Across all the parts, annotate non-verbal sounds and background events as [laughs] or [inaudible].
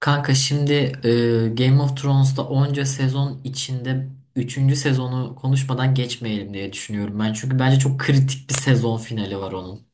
Kanka şimdi Game of Thrones'ta onca sezon içinde üçüncü sezonu konuşmadan geçmeyelim diye düşünüyorum ben. Çünkü bence çok kritik bir sezon finali var onun.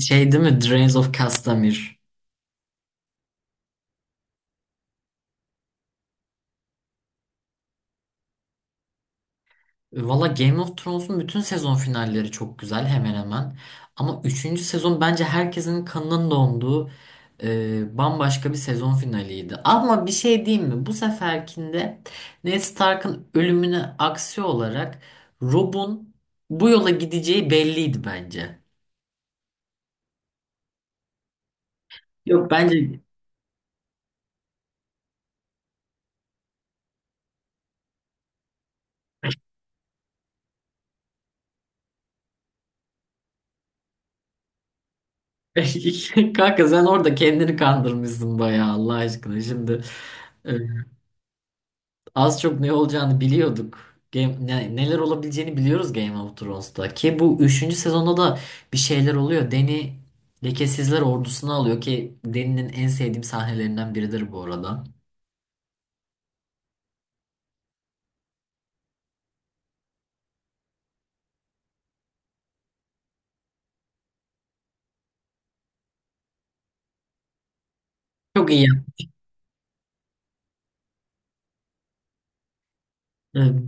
Şey değil mi? Drains of Castamere. Valla Game of Thrones'un bütün sezon finalleri çok güzel hemen hemen. Ama üçüncü sezon bence herkesin kanının donduğu bambaşka bir sezon finaliydi. Ama bir şey diyeyim mi? Bu seferkinde Ned Stark'ın ölümüne aksi olarak Rob'un bu yola gideceği belliydi bence. Yok. Bence [laughs] kanka sen orada kendini kandırmışsın bayağı Allah aşkına şimdi. e, Az çok ne olacağını biliyorduk. Neler olabileceğini biliyoruz Game of Thrones'ta. Ki bu üçüncü sezonda da bir şeyler oluyor. Dany lekesizler ordusunu alıyor ki Dany'nin en sevdiğim sahnelerinden biridir bu arada. Çok iyi yaptı.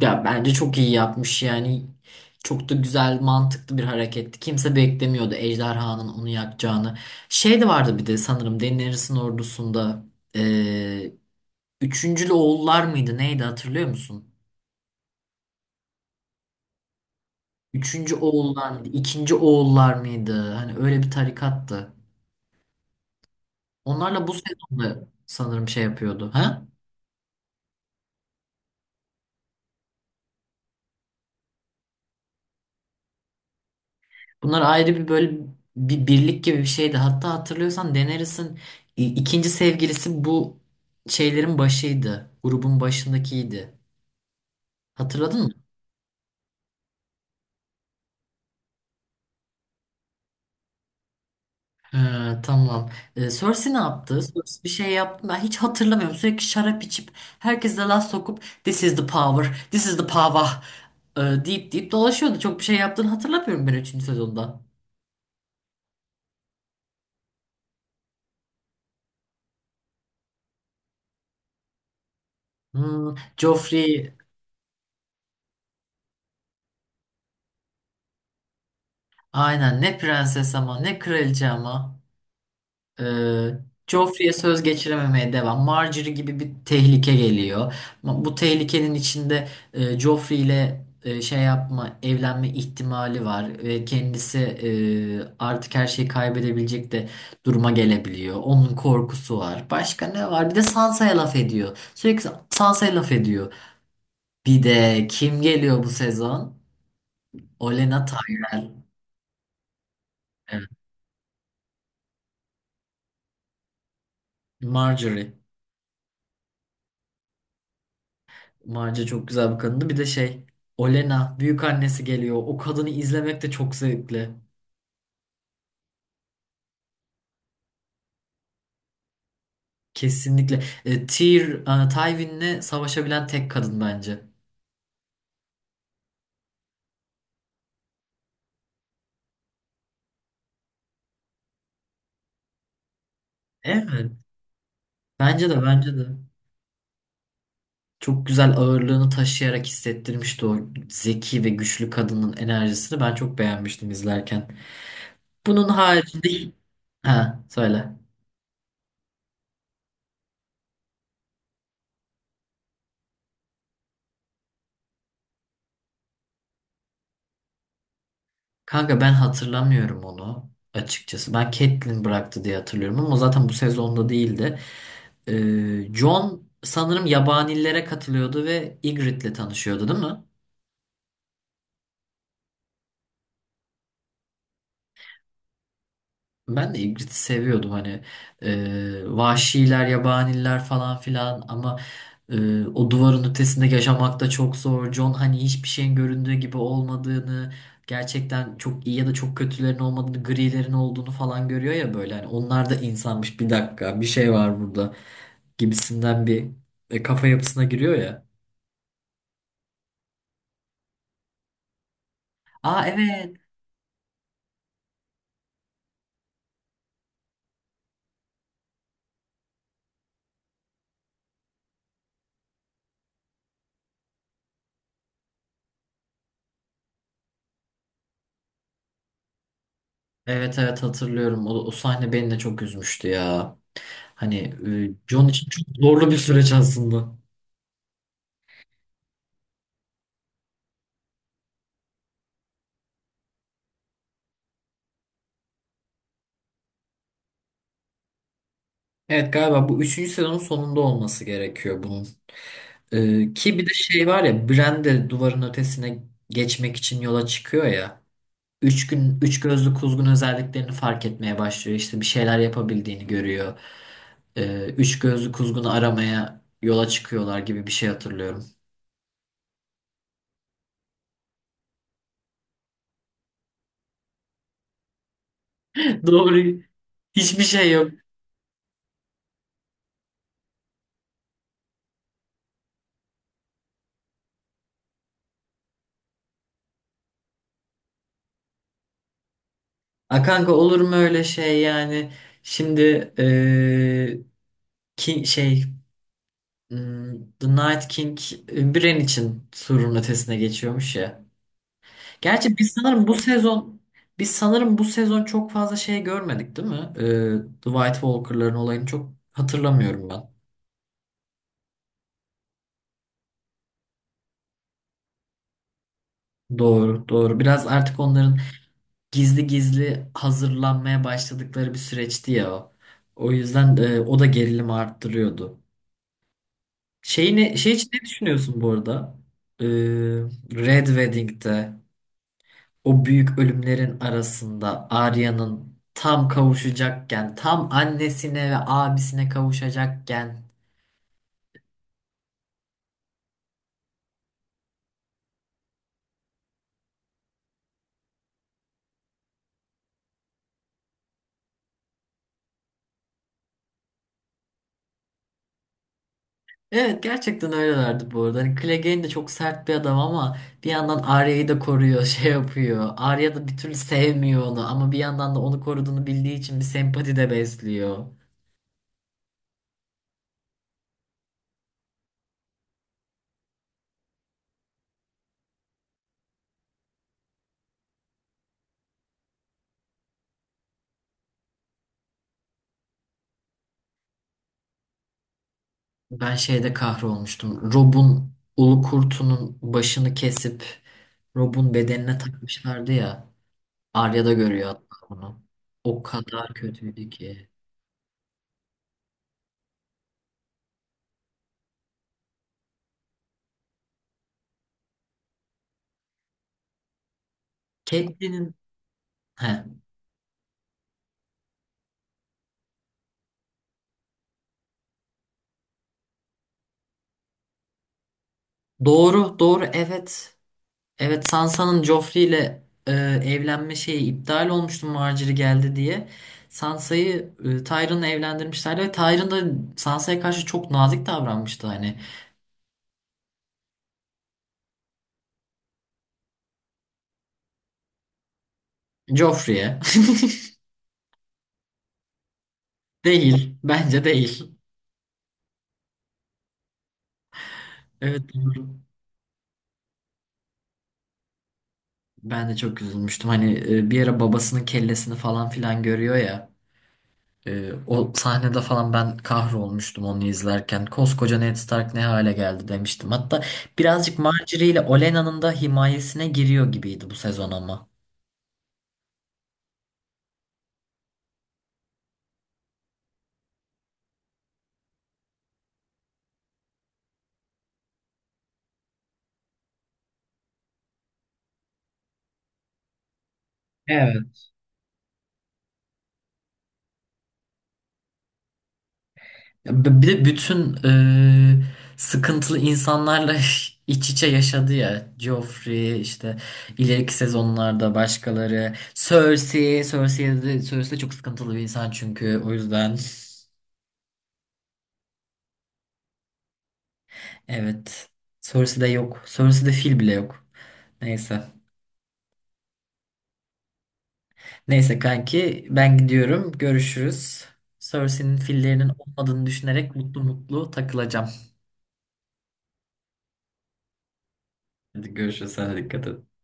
Ya, bence çok iyi yapmış yani. Çok da güzel, mantıklı bir hareketti. Kimse beklemiyordu ejderhanın onu yakacağını. Şey de vardı bir de sanırım Daenerys'in ordusunda. eee Üçüncülü oğullar mıydı neydi hatırlıyor musun? Üçüncü oğullar mıydı? İkinci oğullar mıydı? Hani öyle bir tarikattı. Onlarla bu sezonda sanırım şey yapıyordu. Ha? Bunlar ayrı bir böyle bir birlik gibi bir şeydi. Hatta hatırlıyorsan Daenerys'in ikinci sevgilisi bu şeylerin başıydı. Grubun başındakiydi. Hatırladın mı? Ha, tamam. Cersei ne yaptı? Cersei bir şey yaptı mı? Ben hiç hatırlamıyorum. Sürekli şarap içip herkese laf sokup "This is the power, this is the power" deyip deyip dolaşıyordu. Çok bir şey yaptığını hatırlamıyorum ben üçüncü sezonda. Hmm, Joffrey aynen, ne prenses ama, ne kraliçe ama. Ee, Joffrey'e söz geçirememeye devam. Margaery gibi bir tehlike geliyor. Bu tehlikenin içinde Joffrey ile şey yapma, evlenme ihtimali var ve kendisi artık her şeyi kaybedebilecek de duruma gelebiliyor. Onun korkusu var. Başka ne var? Bir de Sansa'ya laf ediyor. Sürekli Sansa'ya laf ediyor. Bir de kim geliyor bu sezon? Olenna Tyrell. Evet. Margaery. Marca çok güzel bir kadındı. Bir de şey, Olena büyük annesi geliyor. O kadını izlemek de çok zevkli. Kesinlikle. Tywin'le savaşabilen tek kadın bence. Evet. Bence de, bence de. Çok güzel ağırlığını taşıyarak hissettirmişti o zeki ve güçlü kadının enerjisini. Ben çok beğenmiştim izlerken. Bunun haricinde... Ha, söyle. Kanka ben hatırlamıyorum onu açıkçası. Ben Catelyn bıraktı diye hatırlıyorum ama zaten bu sezonda değildi. Jon sanırım yabanillere katılıyordu ve Ygritte'le tanışıyordu değil mi? Ben de Ygritte'i seviyordum hani. Vahşiler, yabaniller falan filan ama. O duvarın ötesinde yaşamak da çok zor. John hani hiçbir şeyin göründüğü gibi olmadığını, gerçekten çok iyi ya da çok kötülerin olmadığını, grilerin olduğunu falan görüyor ya böyle. Hani onlar da insanmış, bir dakika bir şey var burada gibisinden bir kafa yapısına giriyor ya. Aa, evet. Evet, evet hatırlıyorum. O, sahne beni de çok üzmüştü ya. Hani John için çok zorlu bir süreç aslında. Evet galiba bu üçüncü sezonun sonunda olması gerekiyor bunun. Ki bir de şey var ya, Brande duvarın ötesine geçmek için yola çıkıyor ya. Üç gün üç gözlü kuzgun özelliklerini fark etmeye başlıyor. İşte bir şeyler yapabildiğini görüyor. Üç gözlü kuzgunu aramaya yola çıkıyorlar gibi bir şey hatırlıyorum. [laughs] Doğru. Hiçbir şey yok. A kanka, olur mu öyle şey yani? Şimdi ki şey hmm, The Night King Bran için surun ötesine geçiyormuş ya. Gerçi biz sanırım bu sezon çok fazla şey görmedik değil mi? Dwight Walker'ların olayını çok hatırlamıyorum ben. Doğru, doğru. Biraz artık onların gizli gizli hazırlanmaya başladıkları bir süreçti ya o. O yüzden o da gerilimi arttırıyordu. Şeyini, şey için ne düşünüyorsun bu arada? Ee, Red Wedding'de o büyük ölümlerin arasında Arya'nın tam kavuşacakken, tam annesine ve abisine kavuşacakken. Evet gerçekten öylelerdi bu arada. Hani Clegane de çok sert bir adam ama bir yandan Arya'yı da koruyor, [laughs] şey yapıyor. Arya da bir türlü sevmiyor onu ama bir yandan da onu koruduğunu bildiği için bir sempati de besliyor. Ben şeyde kahrolmuştum. Rob'un ulu kurtunun başını kesip Rob'un bedenine takmışlardı ya. Arya da görüyor hatta bunu. O kadar kötüydü ki. Catelyn'in, he. Doğru, doğru, evet. Evet Sansa'nın Joffrey ile evlenme şeyi iptal olmuştu Margaery geldi diye. Sansa'yı Tyrion'la evlendirmişlerdi ve Tyrion da Sansa'ya karşı çok nazik davranmıştı hani. Joffrey'e. [laughs] Değil. Bence değil. Evet doğru. Ben de çok üzülmüştüm. Hani bir ara babasının kellesini falan filan görüyor ya. O sahnede falan ben kahrolmuştum onu izlerken. Koskoca Ned Stark ne hale geldi demiştim. Hatta birazcık Margaery ile Olenna'nın da himayesine giriyor gibiydi bu sezon ama. Evet. Bir de bütün e, sıkıntılı insanlarla [laughs] iç içe yaşadı ya. Joffrey işte, ileriki sezonlarda başkaları. Cersei, Cersei de çok sıkıntılı bir insan çünkü o yüzden. Evet. Cersei de yok. Cersei de fil bile yok. Neyse. Neyse kanki, ben gidiyorum. Görüşürüz. Cersei'nin fillerinin olmadığını düşünerek mutlu mutlu takılacağım. Hadi görüşürüz. Sana dikkat et.